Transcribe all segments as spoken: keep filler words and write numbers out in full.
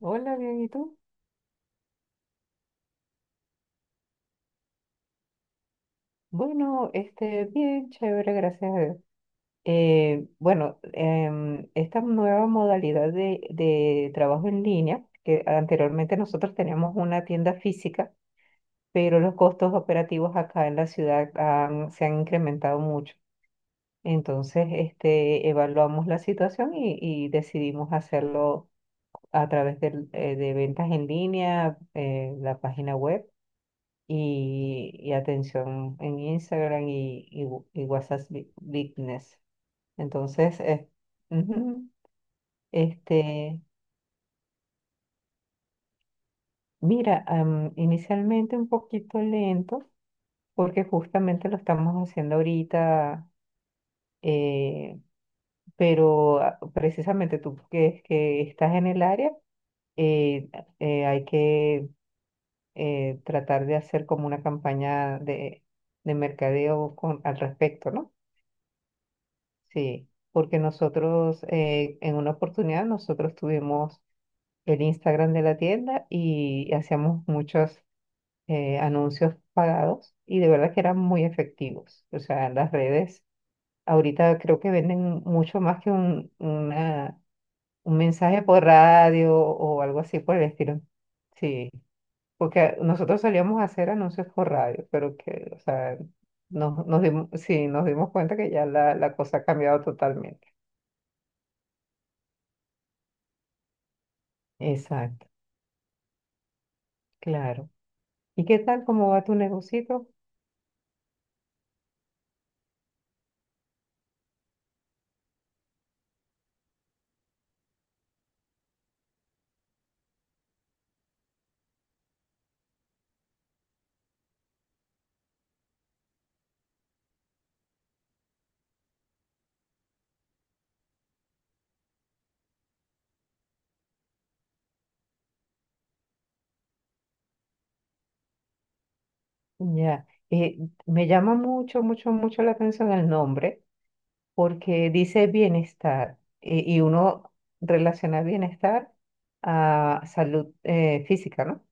Hola, bien, ¿y tú? Bueno, este, bien, chévere, gracias a Dios. Eh, bueno, em, esta nueva modalidad de, de trabajo en línea, que anteriormente nosotros teníamos una tienda física, pero los costos operativos acá en la ciudad han- se han incrementado mucho. Entonces, este, evaluamos la situación y, y decidimos hacerlo a través del, eh, de ventas en línea, eh, la página web. y, y atención en Instagram y, y Wh- y WhatsApp Bi- Business. Entonces, eh, ujú, este, mira, am, inicialmente un poquito lento, porque justamente lo estamos haciendo ahorita, eh, pero ah, precisamente tú que, es que estás en el área, eh, eh, hay que eh, tratar de hacer como una campaña de, de mercadeo con, al respecto, ¿no? Sí, porque nosotros eh, en una oportunidad nosotros tuvimos el Instagram de la tienda y hacíamos muchos eh, anuncios pagados y de verdad que eran muy efectivos. O sea, las redes ahorita creo que venden mucho más que un, una- un mensaje por radio o algo así por el estilo. Sí, porque nosotros solíamos hacer anuncios por radio, pero que, o sea, nos, nos dimos, sí, nos dimos cuenta que ya la, la cosa ha cambiado totalmente. Exacto, claro. ¿Y qué tal? ¿Cómo va tu negocito? Ya, eh, me llama mucho, mucho, mucho la atención el nombre porque dice bienestar eh, y uno relaciona bienestar a salud eh, física, ¿no?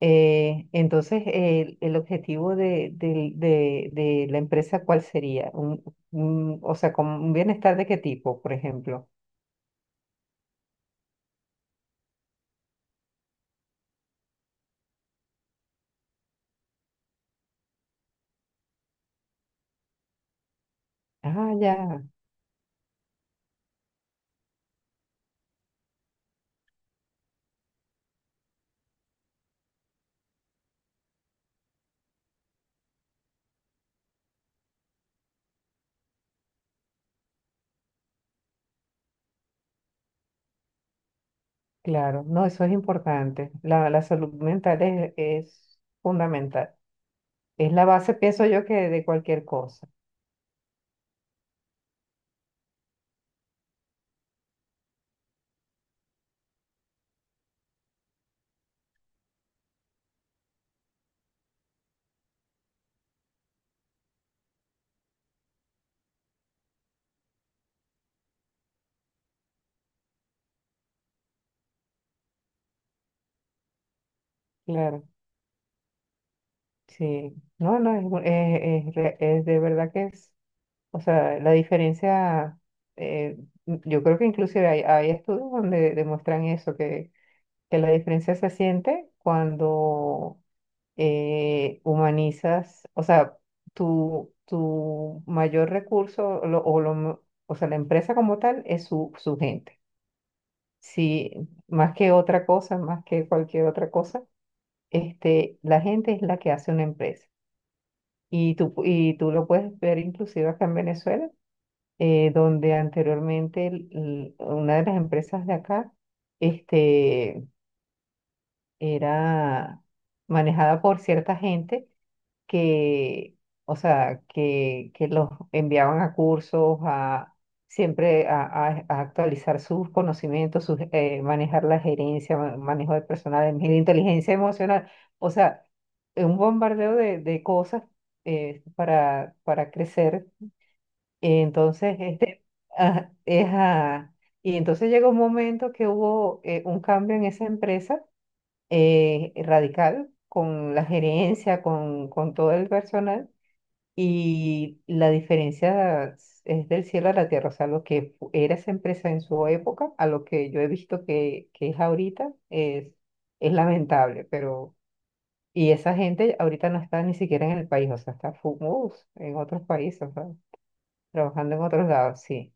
Eh, entonces, el, el objetivo de, del- de- de la empresa, ¿cuál sería? Un, un- o sea, ¿con un bienestar de qué tipo, por ejemplo? Ah, ya. Claro, no, eso es importante. La, la salud mental es, es fundamental. Es la base, pienso yo, que de cualquier cosa. Claro, sí. No, no, es, bu- es, es re- es de verdad que es, o sea, la diferencia, eh, yo creo que inclusive hay, hay estudios donde demuestran eso, que la diferencia se siente cuando eh, humanizas, o sea, tu, tu mayor recurso lo- o, lo mo- o sea, la empresa como tal es su, su gente. Si más que otra cosa, más que cualquier otra cosa, este, la gente es la que hace una empresa. Y tú, pu- y tú lo puedes ver inclusive acá en Venezuela, eh, donde anteriormente el- el- una de las empresas de acá, este era manejada por cierta gente que, o sea, que, que los enviaban a cursos, a siempre a, a- a actualizar sus conocimientos, sus, eh, manejar la gerencia, ma- manejo de personal, de inteligencia emocional, o sea, eh, un bombardeo de, de cosas eh, para, para crecer. Entonces, este, ajá, es, ah, y entonces llegó un momento que hubo eh, un cambio en esa empresa eh, radical con la gerencia, con, con todo el personal, y la diferencia es del cielo a la tierra, o sea, lo que fu- era esa empresa en su época a lo que yo he visto que, que es ahorita es, es lamentable, pero... Y esa gente ahorita no está ni siquiera en el país, o sea, está fu- uh, en otros países, o sea, trabajando en otros lados, sí.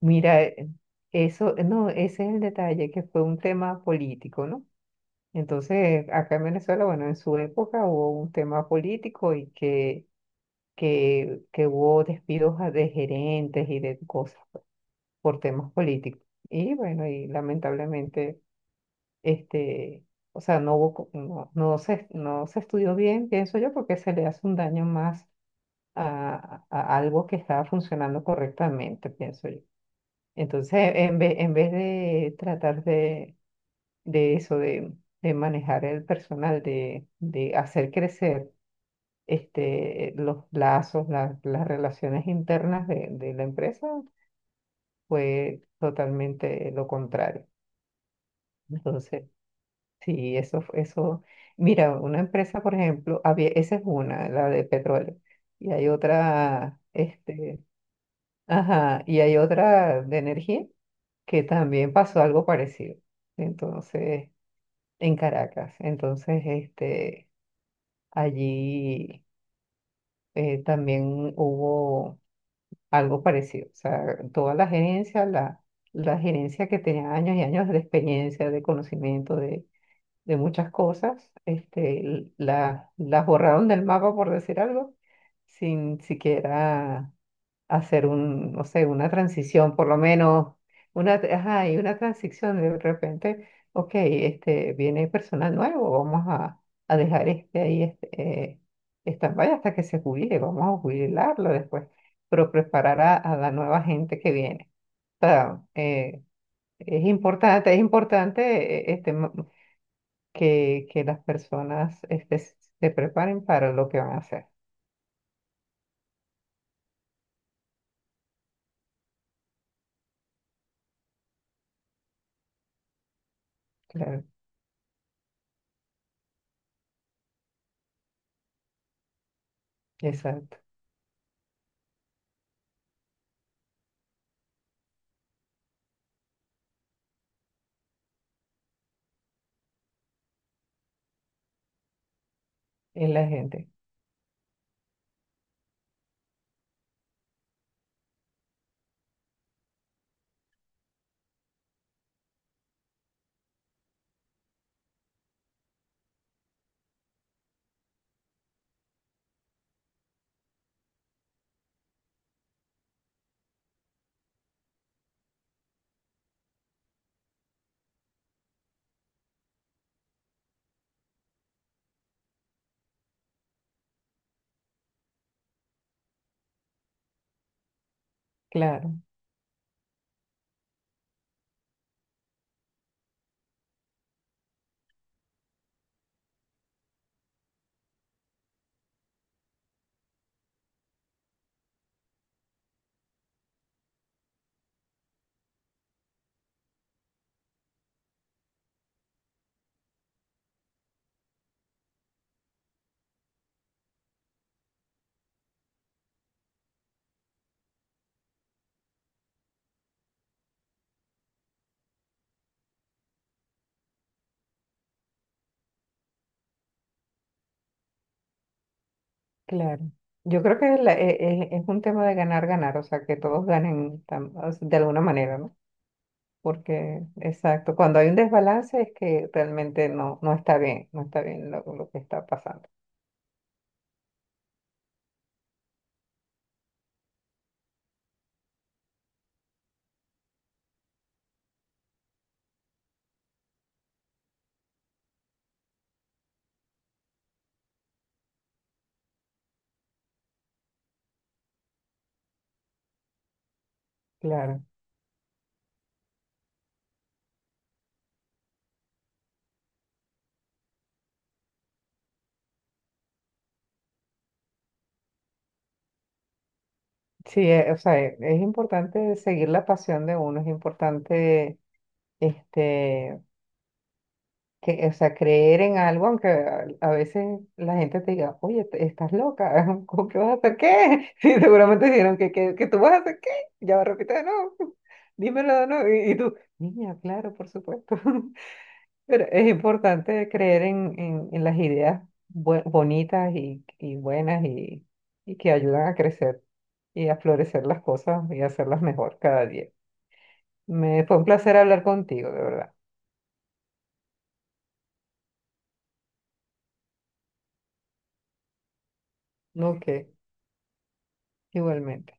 Mira, eh, eso, no, ese es el detalle, que fue un tema político, ¿no? Entonces, acá en Venezuela, bueno, en su época hubo un tema político y que, que, que hubo despidos a- de gerentes y de cosas por temas políticos. Y bueno, y lamentablemente, este, o sea, no hubo, co- no, no se, no se estudió bien, pienso yo, porque se le hace un daño más a, a algo que estaba funcionando correctamente, pienso yo. Entonces, en vez, en vez de tratar de de eso, de, de manejar el personal, de, de hacer crecer este, los lazos, la- las relaciones internas de, de la empresa, fue totalmente lo contrario. Entonces, sí, eso, fu- eso, mira, una empresa, por ejemplo, había, esa es una, la de petróleo, y hay otra, este, ajá, y hay otra de energía que también pasó algo parecido. Entonces, en Caracas. Entonces, este, allí eh, también hubo algo parecido. O sea, toda la gerencia, la, la gerencia que tenía años y años de experiencia, de conocimiento de, de muchas cosas, este, l- la, las borraron del mapa, por decir algo, sin siquiera hacer un, no sé, una transición, por lo menos, una, tra- ajá, y una transición de repente, ok, este, viene personal nuevo, vamos a, a dejar este ahí, este, eh, stand-by hasta que se jubile, vamos a jubilarlo después, pero preparar a, a la nueva gente que viene. O sea, eh, es importante, es importante, eh, este, m- que, que las personas, este, se preparen para lo que van a hacer. Claro, exacto, es la gente, claro. Claro. Yo creo que la- e- e- es un tema de ganar, ganar, o sea, que todos ganen tam- o sea, de alguna manera, ¿no? Porque, exacto, cuando hay un desbalance es que realmente no, no está bien, no está bien lo, lo que está pasando. Claro. Sí, eh, o sea, e- es importante seguir la pasión de uno, es importante, este, que, o sea, creer en algo, aunque a, a veces la gente te diga, oye, te- estás loca, ¿cómo que vas a hacer qué? Sí, seguramente dijeron que, que, que tú vas a hacer qué, ya va, repite de nuevo, dímelo de nuevo, y, y tú, niña, claro, por supuesto, pero es importante creer en, en, en las ideas bue- bonitas y, y buenas y, y que ayudan a crecer y a florecer las cosas y hacerlas mejor cada día. Me fue un placer hablar contigo, de verdad. Ok, igualmente.